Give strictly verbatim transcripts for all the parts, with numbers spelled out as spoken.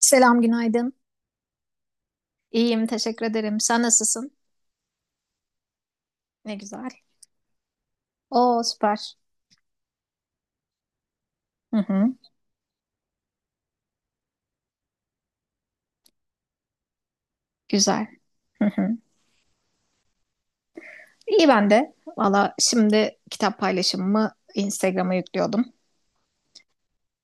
Selam, günaydın. İyiyim, teşekkür ederim. Sen nasılsın? Ne güzel. Oo, süper. Hı hı, güzel. Hı hı. İyi ben de. Valla şimdi kitap paylaşımımı Instagram'a yüklüyordum.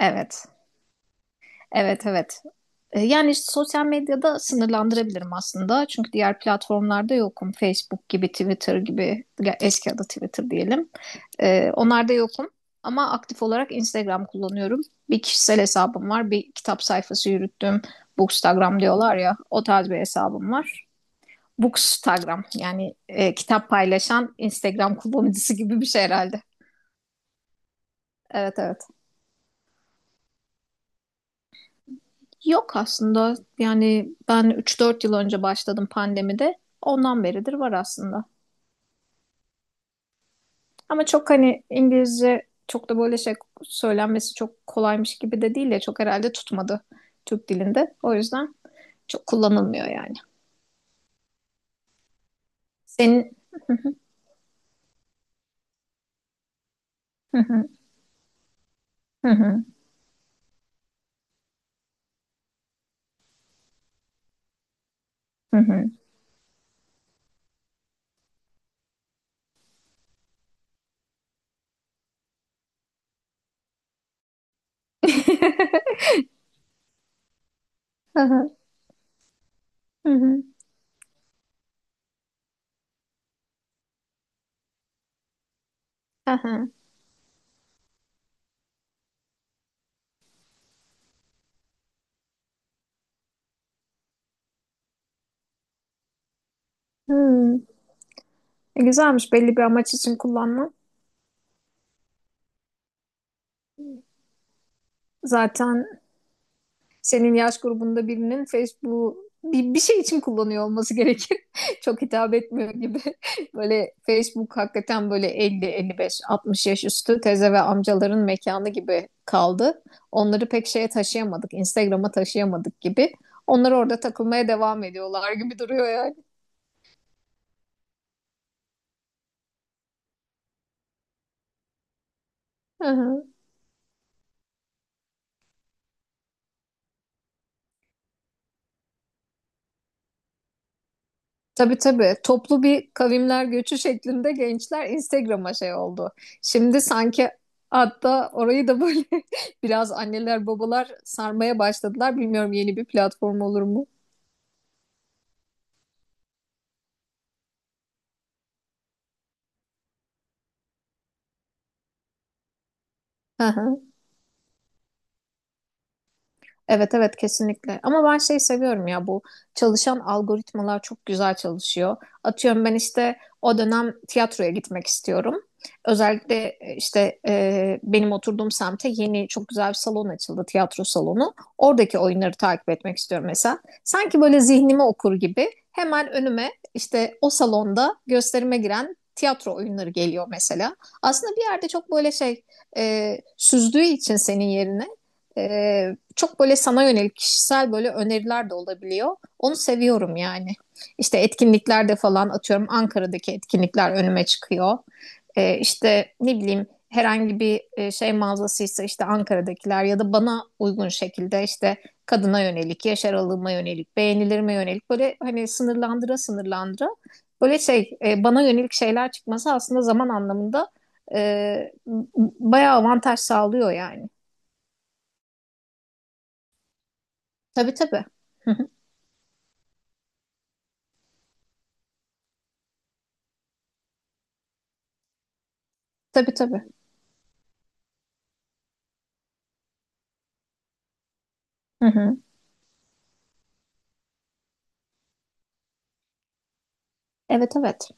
Evet, evet, evet. E, Yani işte sosyal medyada sınırlandırabilirim aslında. Çünkü diğer platformlarda yokum. Facebook gibi, Twitter gibi, ya eski adı Twitter diyelim. E, onlarda yokum. Ama aktif olarak Instagram kullanıyorum. Bir kişisel hesabım var. Bir kitap sayfası yürüttüm. Bookstagram diyorlar ya. O tarz bir hesabım var. Bookstagram yani e, kitap paylaşan Instagram kullanıcısı gibi bir şey herhalde. Evet evet. Yok aslında yani ben üç dört yıl önce başladım pandemide. Ondan beridir var aslında. Ama çok hani İngilizce çok da böyle şey söylenmesi çok kolaymış gibi de değil ya çok herhalde tutmadı Türk dilinde. O yüzden çok kullanılmıyor yani. Senin Güzelmiş, belli bir amaç için kullanma. Zaten senin yaş grubunda birinin Facebook bir, bir şey için kullanıyor olması gerekir. Çok hitap etmiyor gibi. Böyle Facebook hakikaten böyle elli, elli beş, altmış yaş üstü teze ve amcaların mekanı gibi kaldı. Onları pek şeye taşıyamadık, Instagram'a taşıyamadık gibi. Onlar orada takılmaya devam ediyorlar gibi duruyor yani. Tabii tabii. Toplu bir kavimler göçü şeklinde gençler Instagram'a şey oldu. Şimdi sanki hatta orayı da böyle biraz anneler babalar sarmaya başladılar. Bilmiyorum, yeni bir platform olur mu? Evet evet, kesinlikle. Ama ben şey seviyorum ya, bu çalışan algoritmalar çok güzel çalışıyor. Atıyorum ben işte o dönem tiyatroya gitmek istiyorum. Özellikle e, işte e, benim oturduğum semte yeni çok güzel bir salon açıldı, tiyatro salonu. Oradaki oyunları takip etmek istiyorum mesela. Sanki böyle zihnimi okur gibi hemen önüme işte o salonda gösterime giren tiyatro oyunları geliyor mesela. Aslında bir yerde çok böyle şey e, süzdüğü için senin yerine ee, çok böyle sana yönelik kişisel böyle öneriler de olabiliyor. Onu seviyorum yani. İşte etkinliklerde falan atıyorum Ankara'daki etkinlikler önüme çıkıyor. Ee, işte ne bileyim herhangi bir e, şey mağazasıysa işte Ankara'dakiler ya da bana uygun şekilde işte kadına yönelik, yaş aralığıma yönelik, beğenilerime yönelik böyle hani sınırlandıra sınırlandıra böyle şey e, bana yönelik şeyler çıkması aslında zaman anlamında e, bayağı avantaj sağlıyor yani. Tabii tabii. Hı hı. Tabii tabii. Hı hı. Evet evet.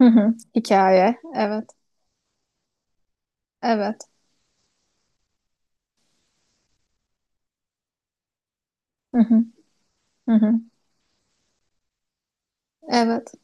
Hı hı. Hikaye. Evet. Evet. Hı hı. Hı hı. Evet.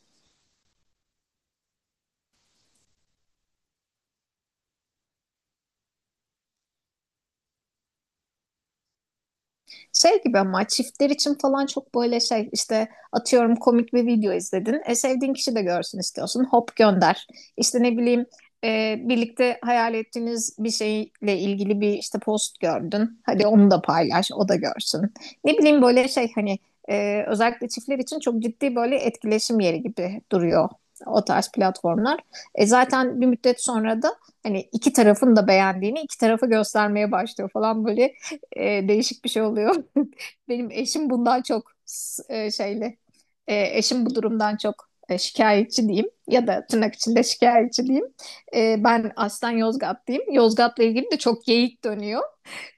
Şey gibi ama çiftler için falan çok böyle şey işte atıyorum komik bir video izledin. E, sevdiğin kişi de görsün istiyorsun. Hop gönder. İşte ne bileyim e, birlikte hayal ettiğiniz bir şeyle ilgili bir işte post gördün. Hadi onu da paylaş, o da görsün. Ne bileyim böyle şey hani e, özellikle çiftler için çok ciddi böyle etkileşim yeri gibi duruyor o tarz platformlar. E, zaten bir müddet sonra da hani iki tarafın da beğendiğini iki tarafa göstermeye başlıyor falan böyle e, değişik bir şey oluyor. Benim eşim bundan çok s- e, şeyli. E, eşim bu durumdan çok e, şikayetçi diyeyim ya da tırnak içinde şikayetçi diyeyim. E, ben aslen Yozgatlıyım. Yozgat'la ilgili de çok geyik dönüyor.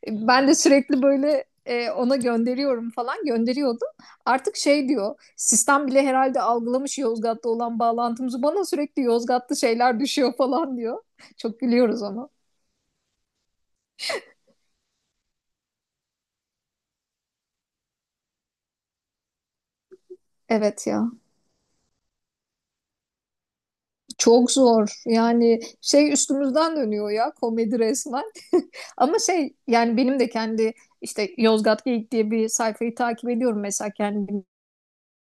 E, Ben de sürekli böyle e, ona gönderiyorum falan gönderiyordum. Artık şey diyor, sistem bile herhalde algılamış Yozgat'ta olan bağlantımızı, bana sürekli Yozgatlı şeyler düşüyor falan diyor. Çok gülüyoruz ona. Evet ya. Çok zor. Yani şey üstümüzden dönüyor ya, komedi resmen. Ama şey yani benim de kendi işte Yozgat Geyik diye bir sayfayı takip ediyorum mesela kendi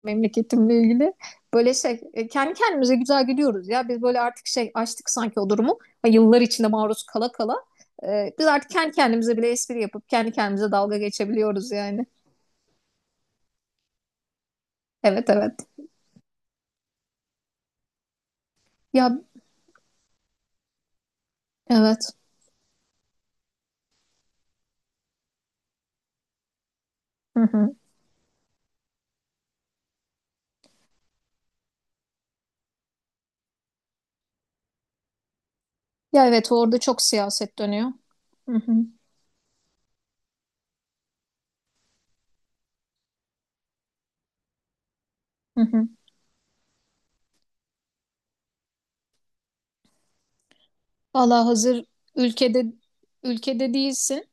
memleketimle ilgili. Böyle şey e, kendi kendimize güzel gülüyoruz ya. Biz böyle artık şey açtık sanki o durumu. Ha, yıllar içinde maruz kala kala. E, biz artık kendi kendimize bile espri yapıp kendi kendimize dalga geçebiliyoruz yani. Evet evet. Ya evet. Hı hı. Ya evet, orada çok siyaset dönüyor. Hı hı. Hı hı. Valla hazır ülkede ülkede değilsin.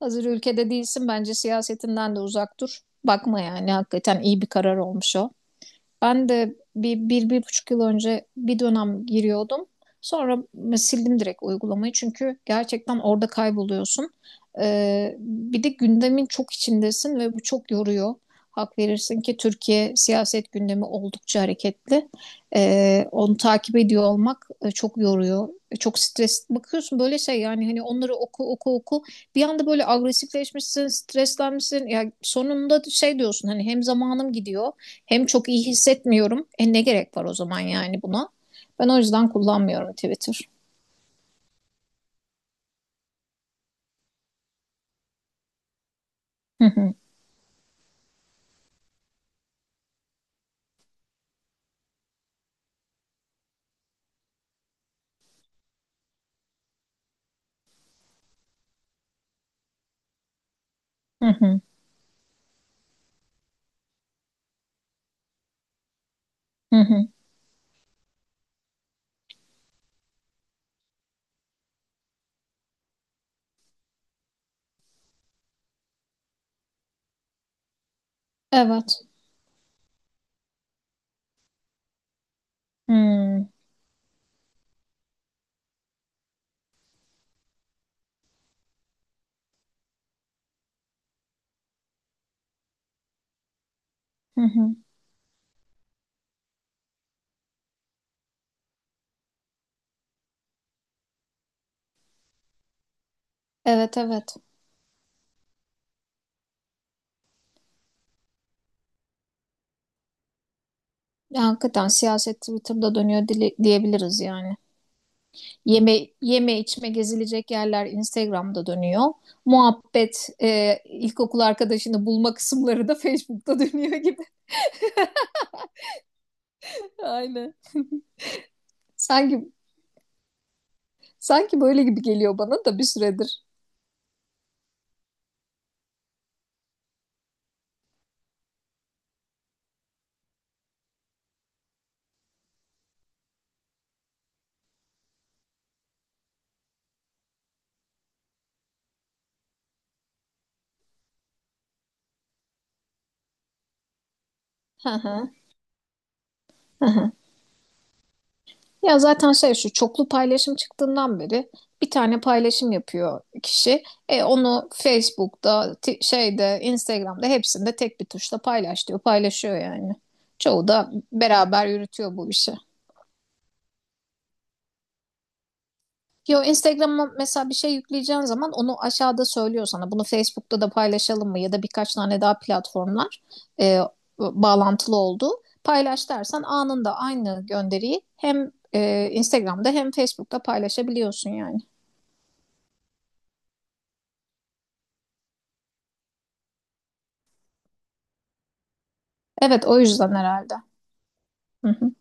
Hazır ülkede değilsin. Bence siyasetinden de uzak dur. Bakma yani, hakikaten iyi bir karar olmuş o. Ben de bir, bir, bir buçuk yıl önce bir dönem giriyordum. Sonra sildim direkt uygulamayı çünkü gerçekten orada kayboluyorsun. Ee, bir de gündemin çok içindesin ve bu çok yoruyor. Hak verirsin ki Türkiye siyaset gündemi oldukça hareketli. Ee, onu takip ediyor olmak e, çok yoruyor. E, Çok stres. Bakıyorsun böyle şey yani hani onları oku oku oku. Bir anda böyle agresifleşmişsin, streslenmişsin. Ya sonunda şey diyorsun hani hem zamanım gidiyor hem çok iyi hissetmiyorum. E ne gerek var o zaman yani buna? Ben o yüzden kullanmıyorum Twitter. Hı hı, hı hı, hı hı. Evet. Hmm, hı hı. Evet evet. Ya hakikaten siyaset Twitter'da dönüyor dili- diyebiliriz yani. Yeme, yeme içme gezilecek yerler Instagram'da dönüyor. Muhabbet e, ilkokul arkadaşını bulma kısımları da Facebook'ta dönüyor gibi. Aynen. Sanki sanki böyle gibi geliyor bana da bir süredir. Hı hı. Hı hı. Ya zaten şey şu çoklu paylaşım çıktığından beri bir tane paylaşım yapıyor kişi. E onu Facebook'ta, ti- şeyde, Instagram'da hepsinde tek bir tuşla paylaş diyor. Paylaşıyor yani. Çoğu da beraber yürütüyor bu işi. Yo, Instagram'a mesela bir şey yükleyeceğin zaman onu aşağıda söylüyor sana. Bunu Facebook'ta da paylaşalım mı ya da birkaç tane daha platformlar e, bağlantılı olduğu. Paylaş dersen anında aynı gönderiyi hem e, Instagram'da hem Facebook'ta paylaşabiliyorsun yani. Evet, o yüzden herhalde. Hı hı.